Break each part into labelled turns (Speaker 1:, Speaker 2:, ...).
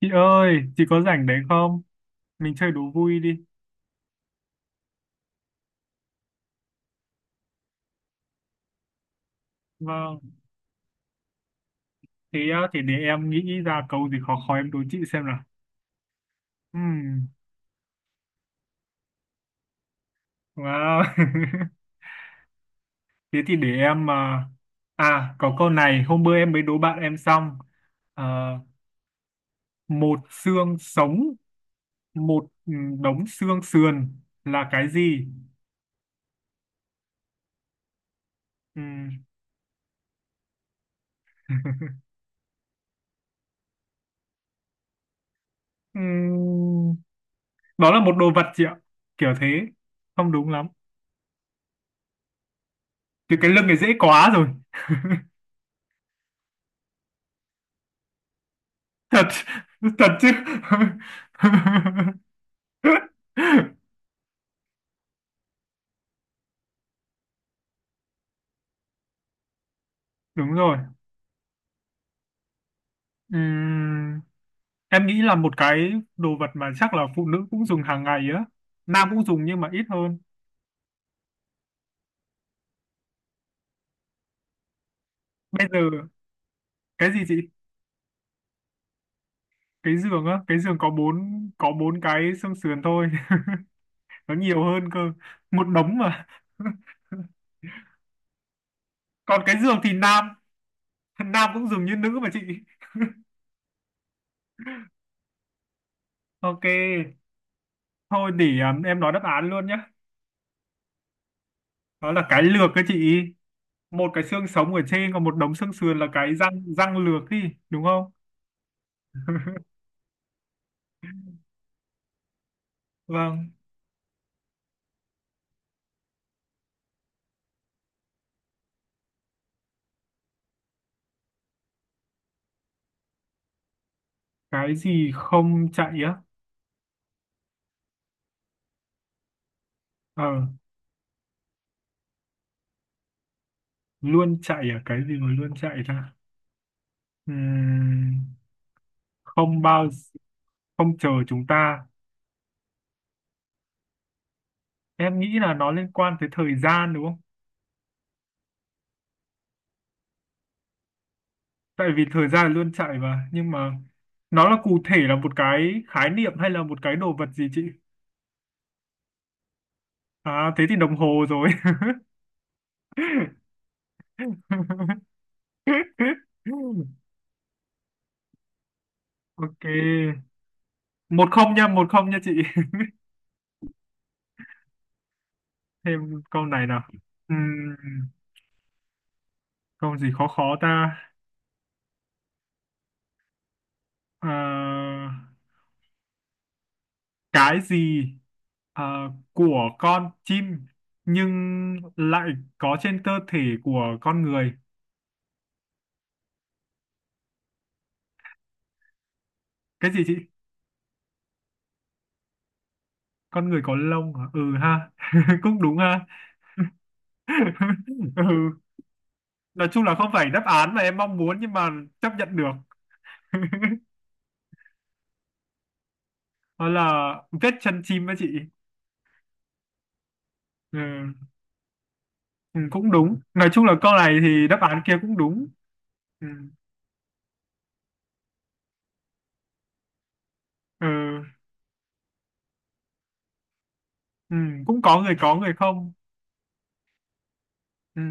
Speaker 1: Chị ơi, chị có rảnh đấy không? Mình chơi đố vui đi. Vâng. Thế á, thì để em nghĩ ra câu gì khó khó em đố chị xem nào. Ừm, wow. Thế thì để em có câu này hôm bữa em mới đố bạn em xong. À, một xương sống, một ừ, đống xương sườn là cái gì? Ừm. Ừm, Đó là một đồ vật chị ạ. Kiểu thế. Không đúng lắm. Thì cái lưng này dễ quá rồi. Thật Thật chứ? Đúng rồi. Ừm, em nghĩ là một cái đồ vật mà chắc là phụ nữ cũng dùng hàng ngày á, nam cũng dùng nhưng mà ít hơn. Bây giờ cái gì chị? Cái giường á? Cái giường có bốn cái xương sườn thôi. Nó nhiều hơn cơ, một đống mà. Còn cái giường thì nam, nam cũng dùng như nữ mà chị. Ok, thôi để em nói đáp án luôn nhé. Đó là cái lược cái chị. Một cái xương sống ở trên còn một đống xương sườn là cái răng, răng lược đi, đúng không? Vâng. Cái gì không chạy á? Ờ, luôn chạy à? Cái gì mà luôn chạy ta? Ừm, không bao gi- Không chờ chúng ta. Em nghĩ là nó liên quan tới thời gian đúng không? Tại vì thời gian là luôn chạy mà, nhưng mà nó là cụ thể là một cái khái niệm hay là một cái đồ vật gì chị? À thế thì đồng hồ rồi. Ok, 1-0 nha, một không nha chị. Thêm câu này nào. Ừm, Câu gì khó khó ta? Ờ, cái gì ờ, của con chim nhưng lại có trên cơ thể của con người? Cái gì chị? Con người có lông hả? Ừ ha. Cũng đúng ha. Ừ, nói chung là không phải đáp án mà em mong muốn nhưng mà chấp nhận được. Đó là vết chân chim đó chị. Ừ. Ừ, cũng đúng, nói chung là câu này thì đáp án kia cũng đúng. Ừ. Ừ. Ừ, cũng có người không. Ừ.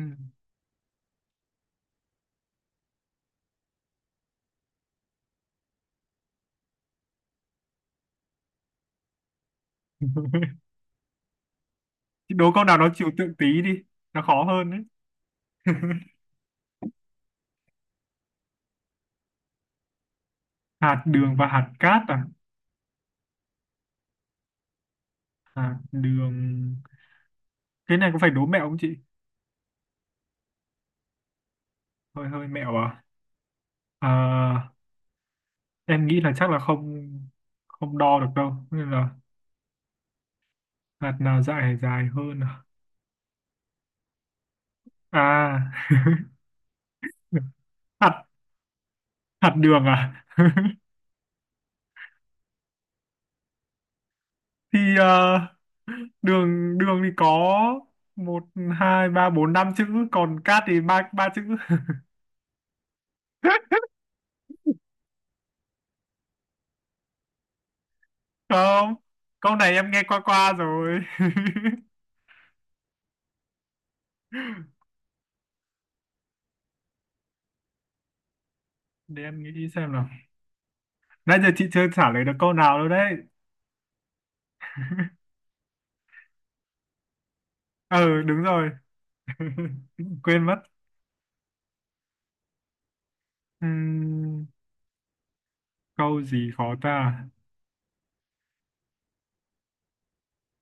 Speaker 1: Đố câu nào nó trừu tượng tí đi, nó khó hơn đấy. Hạt đường và hạt cát à? Hạt đường. Cái này có phải đố mẹo không chị? Hơi hơi mẹo à? Ờ, em nghĩ là chắc là không, không đo được đâu nên là hạt nào dài dài hơn à? À. hạt Hạt đường à? Thì đường đường thì có một hai ba bốn năm chữ, còn cát thì ba ba chữ. Không, câu này em nghe qua qua rồi. Để em nghĩ xem nào. Nãy giờ chị chưa trả lời được câu nào đâu đấy. Ừ đúng rồi. Quên mất. Ừm, Câu gì khó ta?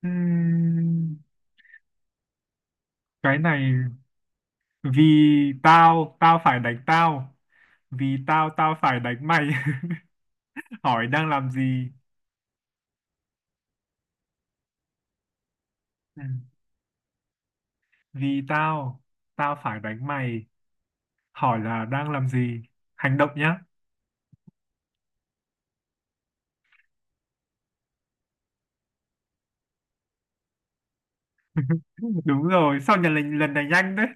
Speaker 1: Ừm, cái này, vì tao tao phải đánh tao, vì tao tao phải đánh mày. Hỏi đang làm gì? Ừm, Vì tao tao phải đánh mày, hỏi là đang làm gì, hành động nhá. Đúng rồi, sao nhận lần lần này nhanh đấy.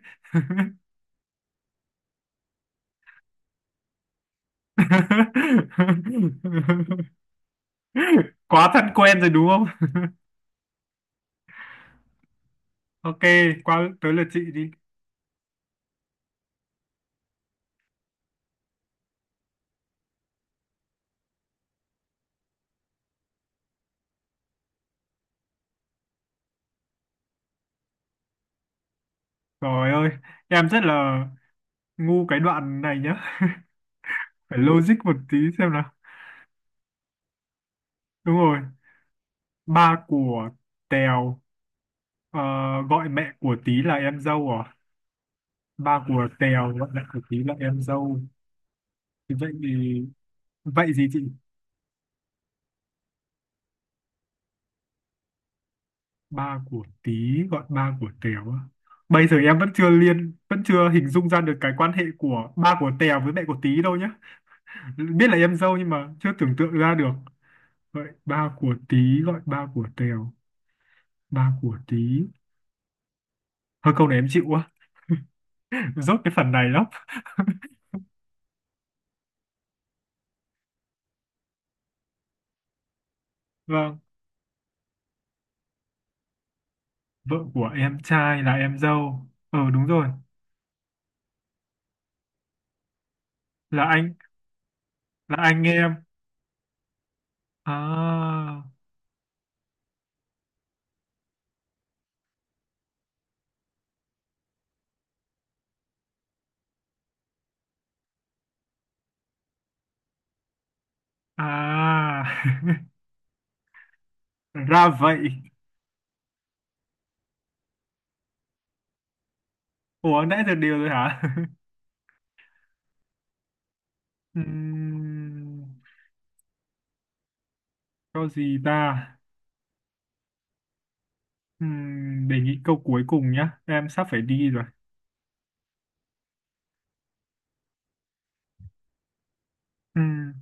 Speaker 1: Quá thân quen rồi đúng không? Ok, qua tới lượt chị đi. Trời ơi, em rất là ngu cái đoạn này nhá, phải logic một tí xem nào. Đúng rồi. Ba của Tèo ờ, gọi mẹ của Tí là em dâu à? Ba của Tèo gọi mẹ của Tí là em dâu thì vậy gì chị? Ba của Tí gọi ba của Tèo á. Bây giờ em vẫn chưa hình dung ra được cái quan hệ của ba của Tèo với mẹ của Tí đâu nhá, biết là em dâu nhưng mà chưa tưởng tượng ra được. Vậy ba của Tí gọi ba của Tèo, ba của Tí, hơi câu này em chịu quá. Rốt cái phần này lắm. Vâng. Vợ của em trai là em dâu, ờ đúng rồi. là anh là anh em. À. À. Ra vậy. Ủa nãy giờ đều rồi hả? Ừm, Câu gì ta? Để nghĩ câu cuối cùng nhá. Em sắp phải đi rồi. Ừm,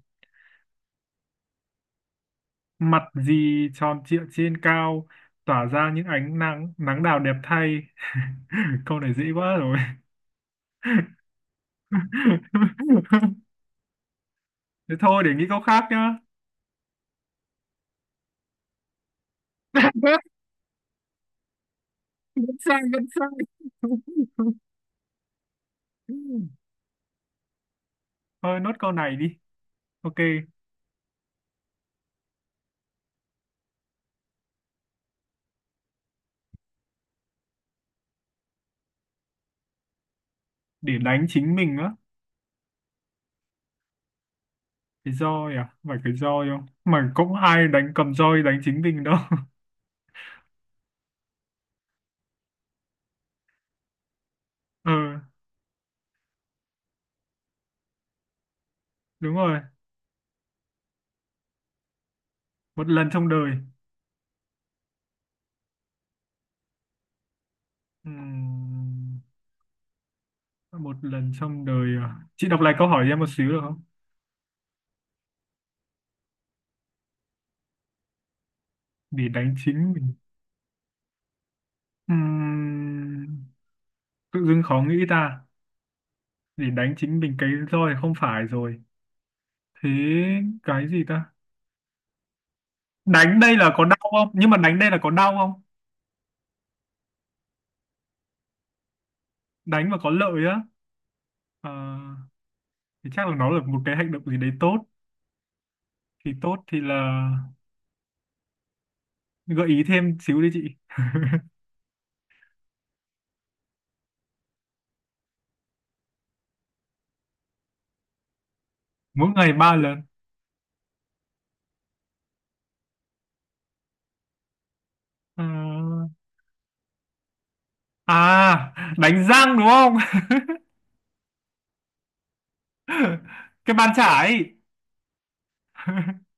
Speaker 1: Mặt gì tròn trịa trên cao, tỏa ra những ánh nắng, nắng đào đẹp thay. Câu này dễ quá rồi. Thế thôi, để nghĩ câu khác nhá. Vẫn sai, vẫn sai. Thôi, nốt câu này đi. Ok, để đánh chính mình á. Cái roi à? Phải cái roi không? Mà cũng ai đánh cầm roi đánh chính mình đâu. Ờ đúng rồi, một lần trong đời. Ừm, Một lần trong đời à? Chị đọc lại câu hỏi cho em một xíu được không? Để đánh chính mình. Ừm, Tự dưng khó nghĩ ta. Để đánh chính mình, cái roi thì không phải rồi, thế cái gì ta? Đánh đây là có đau không, nhưng mà đánh đây là có đau không? Đánh mà có lợi á? Ờ, thì chắc là nó là một cái hành động gì đấy tốt, thì tốt thì là, gợi ý thêm xíu đi chị. Mỗi ngày ba lần. Ờ, à Đánh răng đúng không? Cái bàn chải.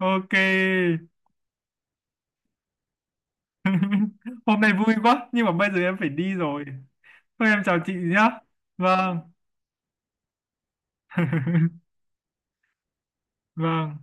Speaker 1: Ok. Hôm nay vui quá nhưng mà bây giờ em phải đi rồi, thôi em chào chị nhá. Vâng. Vâng.